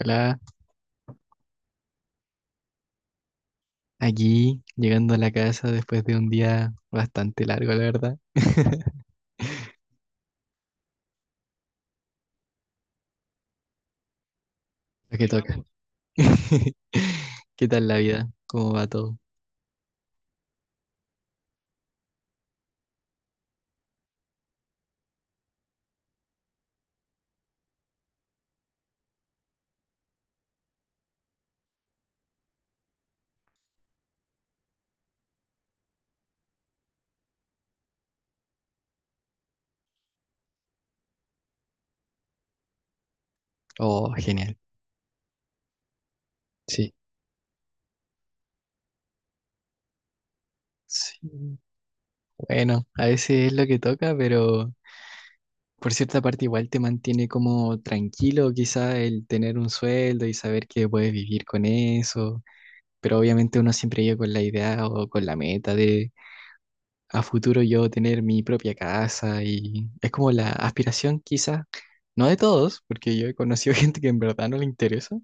Hola, aquí llegando a la casa después de un día bastante largo, la verdad. Lo que toca. ¿Qué tal la vida? ¿Cómo va todo? Oh, genial. Sí. Sí. Bueno, a veces es lo que toca, pero por cierta parte igual te mantiene como tranquilo, quizá el tener un sueldo y saber que puedes vivir con eso. Pero obviamente uno siempre llega con la idea o con la meta de a futuro yo tener mi propia casa y es como la aspiración quizás. No de todos, porque yo he conocido gente que en verdad no le interesa,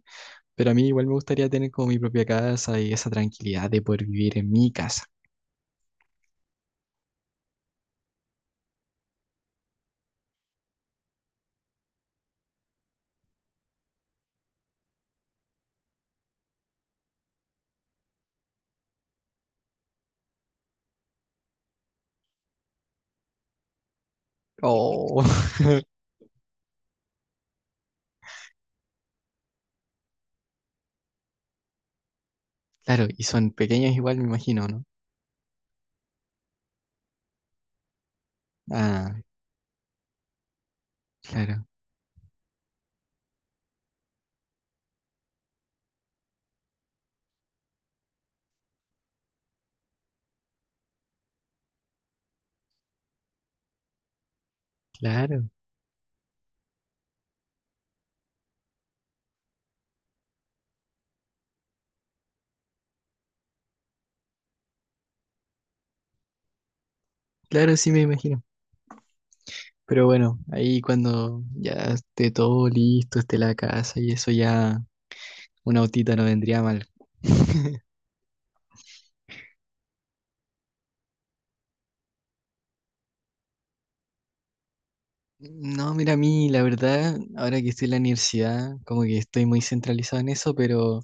pero a mí igual me gustaría tener como mi propia casa y esa tranquilidad de poder vivir en mi casa. Oh, claro, y son pequeños igual, me imagino, ¿no? Ah, claro, claro, claro, sí me imagino. Pero bueno, ahí cuando ya esté todo listo, esté la casa y eso ya, una autita no vendría mal. No, mira, a mí la verdad, ahora que estoy en la universidad, como que estoy muy centralizado en eso, pero...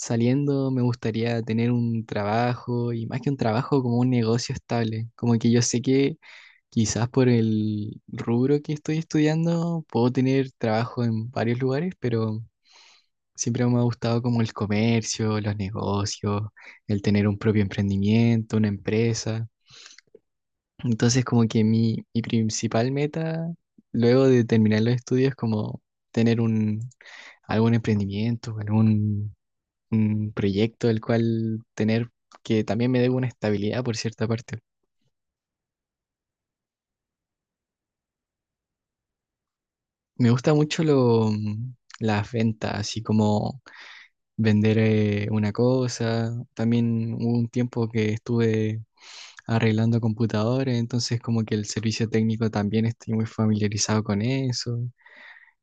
Saliendo me gustaría tener un trabajo y más que un trabajo como un negocio estable. Como que yo sé que quizás por el rubro que estoy estudiando puedo tener trabajo en varios lugares, pero siempre me ha gustado como el comercio, los negocios, el tener un propio emprendimiento, una empresa. Entonces como que mi principal meta luego de terminar los estudios es como tener un, algún emprendimiento, algún un proyecto del cual tener que también me dé una estabilidad por cierta parte. Me gusta mucho lo, las ventas, así como vender una cosa. También hubo un tiempo que estuve arreglando computadores, entonces como que el servicio técnico también estoy muy familiarizado con eso.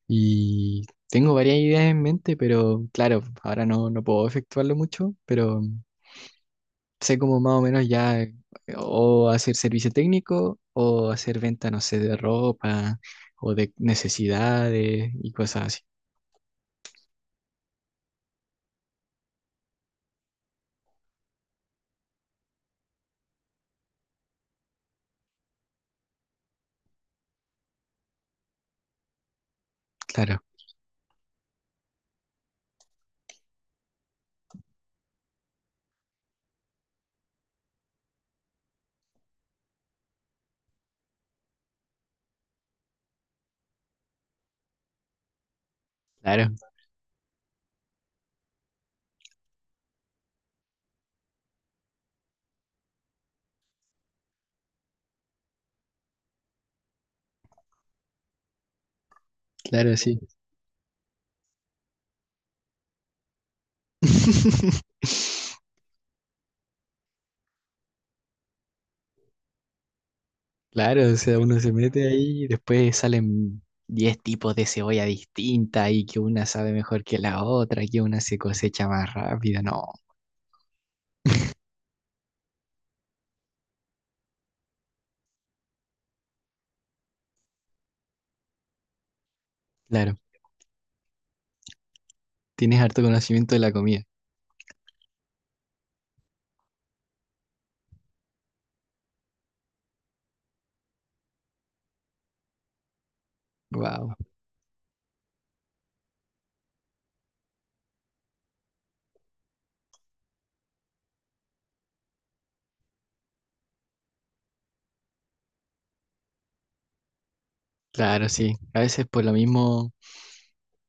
Y tengo varias ideas en mente, pero claro, ahora no puedo efectuarlo mucho, pero sé como más o menos ya o hacer servicio técnico o hacer venta, no sé, de ropa o de necesidades y cosas así. Claro, claro, claro, sí. Claro, o sea, uno se mete ahí y después salen 10 tipos de cebolla distinta y que una sabe mejor que la otra, que una se cosecha más rápido. No, claro, tienes harto conocimiento de la comida. Wow, claro, sí. A veces por lo mismo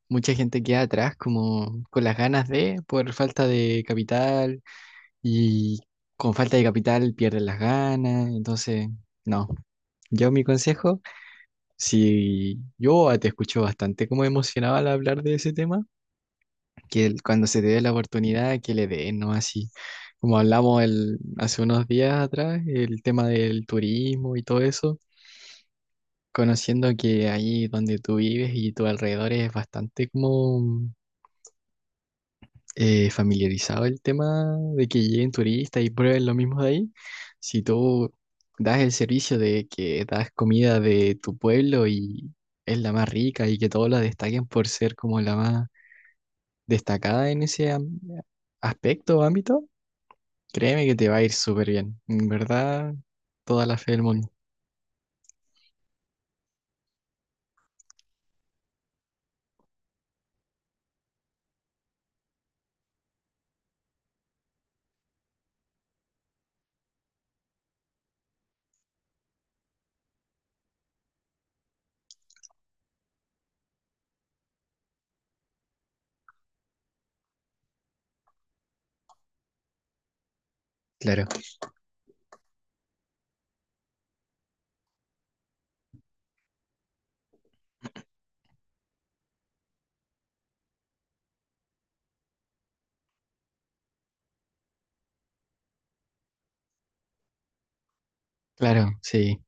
mucha gente queda atrás como con las ganas de, por falta de capital y con falta de capital pierden las ganas, entonces no. Yo mi consejo, si yo te escucho bastante como emocionado al hablar de ese tema, que el- cuando se te dé la oportunidad, que le den, ¿no? Así como hablamos el, hace unos días atrás, el tema del turismo y todo eso, conociendo que ahí donde tú vives y tu alrededor es bastante como familiarizado el tema de que lleguen turistas y prueben lo mismo de ahí, si tú das el servicio de que das comida de tu pueblo y es la más rica y que todos la destaquen por ser como la más destacada en ese aspecto o ámbito, créeme que te va a ir súper bien. En verdad, toda la fe del mundo. Claro, claro, sí.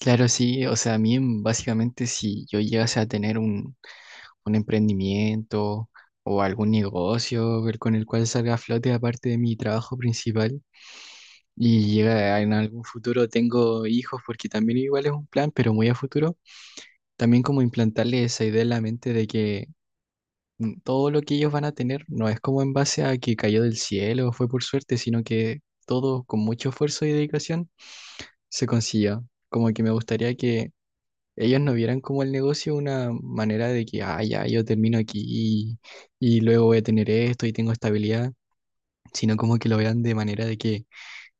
Claro, sí. O sea, a mí básicamente si yo llegase a tener un emprendimiento o algún negocio con el cual salga a flote aparte de mi trabajo principal. Y llega en algún futuro tengo hijos, porque también igual es un plan, pero muy a futuro. También como implantarle esa idea en la mente de que todo lo que ellos van a tener no es como en base a que cayó del cielo o fue por suerte, sino que todo con mucho esfuerzo y dedicación se consiguió. Como que me gustaría que ellos no vieran como el negocio una manera de que, ah, ya, yo termino aquí y luego voy a tener esto y tengo estabilidad, sino como que lo vean de manera de que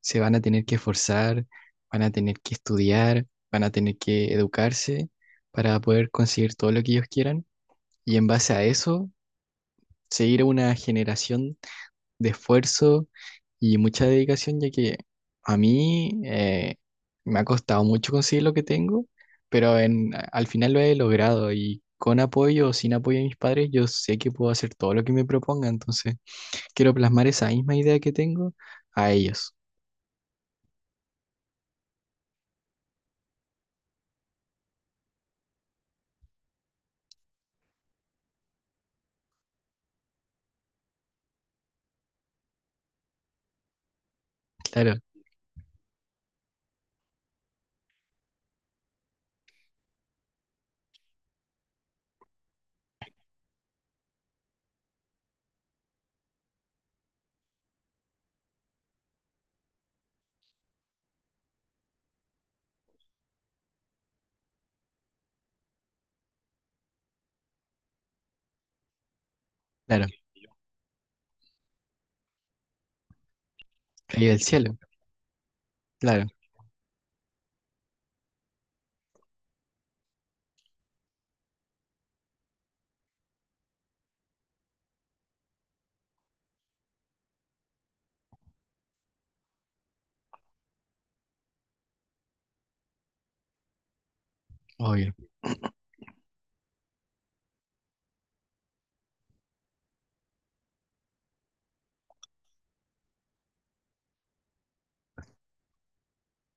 se van a tener que esforzar, van a tener que estudiar, van a tener que educarse para poder conseguir todo lo que ellos quieran y en base a eso, seguir una generación de esfuerzo y mucha dedicación, ya que a mí me ha costado mucho conseguir lo que tengo, pero en, al final lo he logrado y con apoyo o sin apoyo de mis padres, yo sé que puedo hacer todo lo que me proponga, entonces quiero plasmar esa misma idea que tengo a ellos. Claro, claro, caí del cielo, claro, obvio.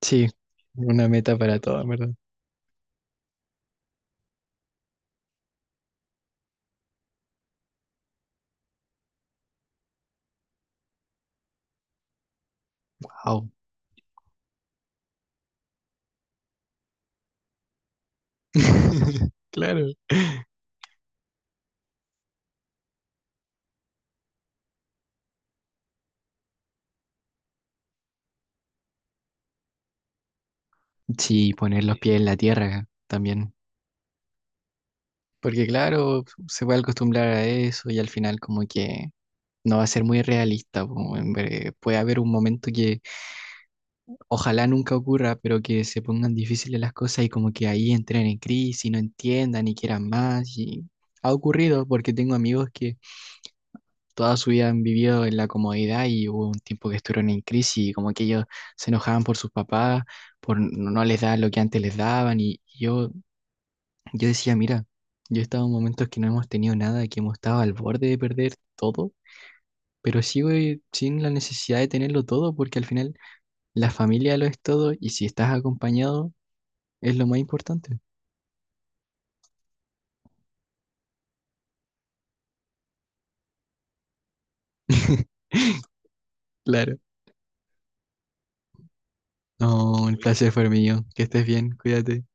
Sí, una meta para todos, ¿verdad? Wow. Claro. Sí, poner los pies en la tierra también. Porque claro, se puede acostumbrar a eso y al final como que no va a ser muy realista. Po, en puede haber un momento que ojalá nunca ocurra, pero que se pongan difíciles las cosas y como que ahí entren en crisis y no entiendan y quieran más. Y ha ocurrido porque tengo amigos que toda su vida han vivido en la comodidad y hubo un tiempo que estuvieron en crisis y como que ellos se enojaban por sus papás, por no les dar lo que antes les daban y yo. Yo decía, mira, yo he estado en momentos que no hemos tenido nada, que hemos estado al borde de perder todo, pero sigo sin la necesidad de tenerlo todo, porque al final la familia lo es todo y si estás acompañado es lo más importante. Claro. No, el placer fue mío. Que estés bien, cuídate.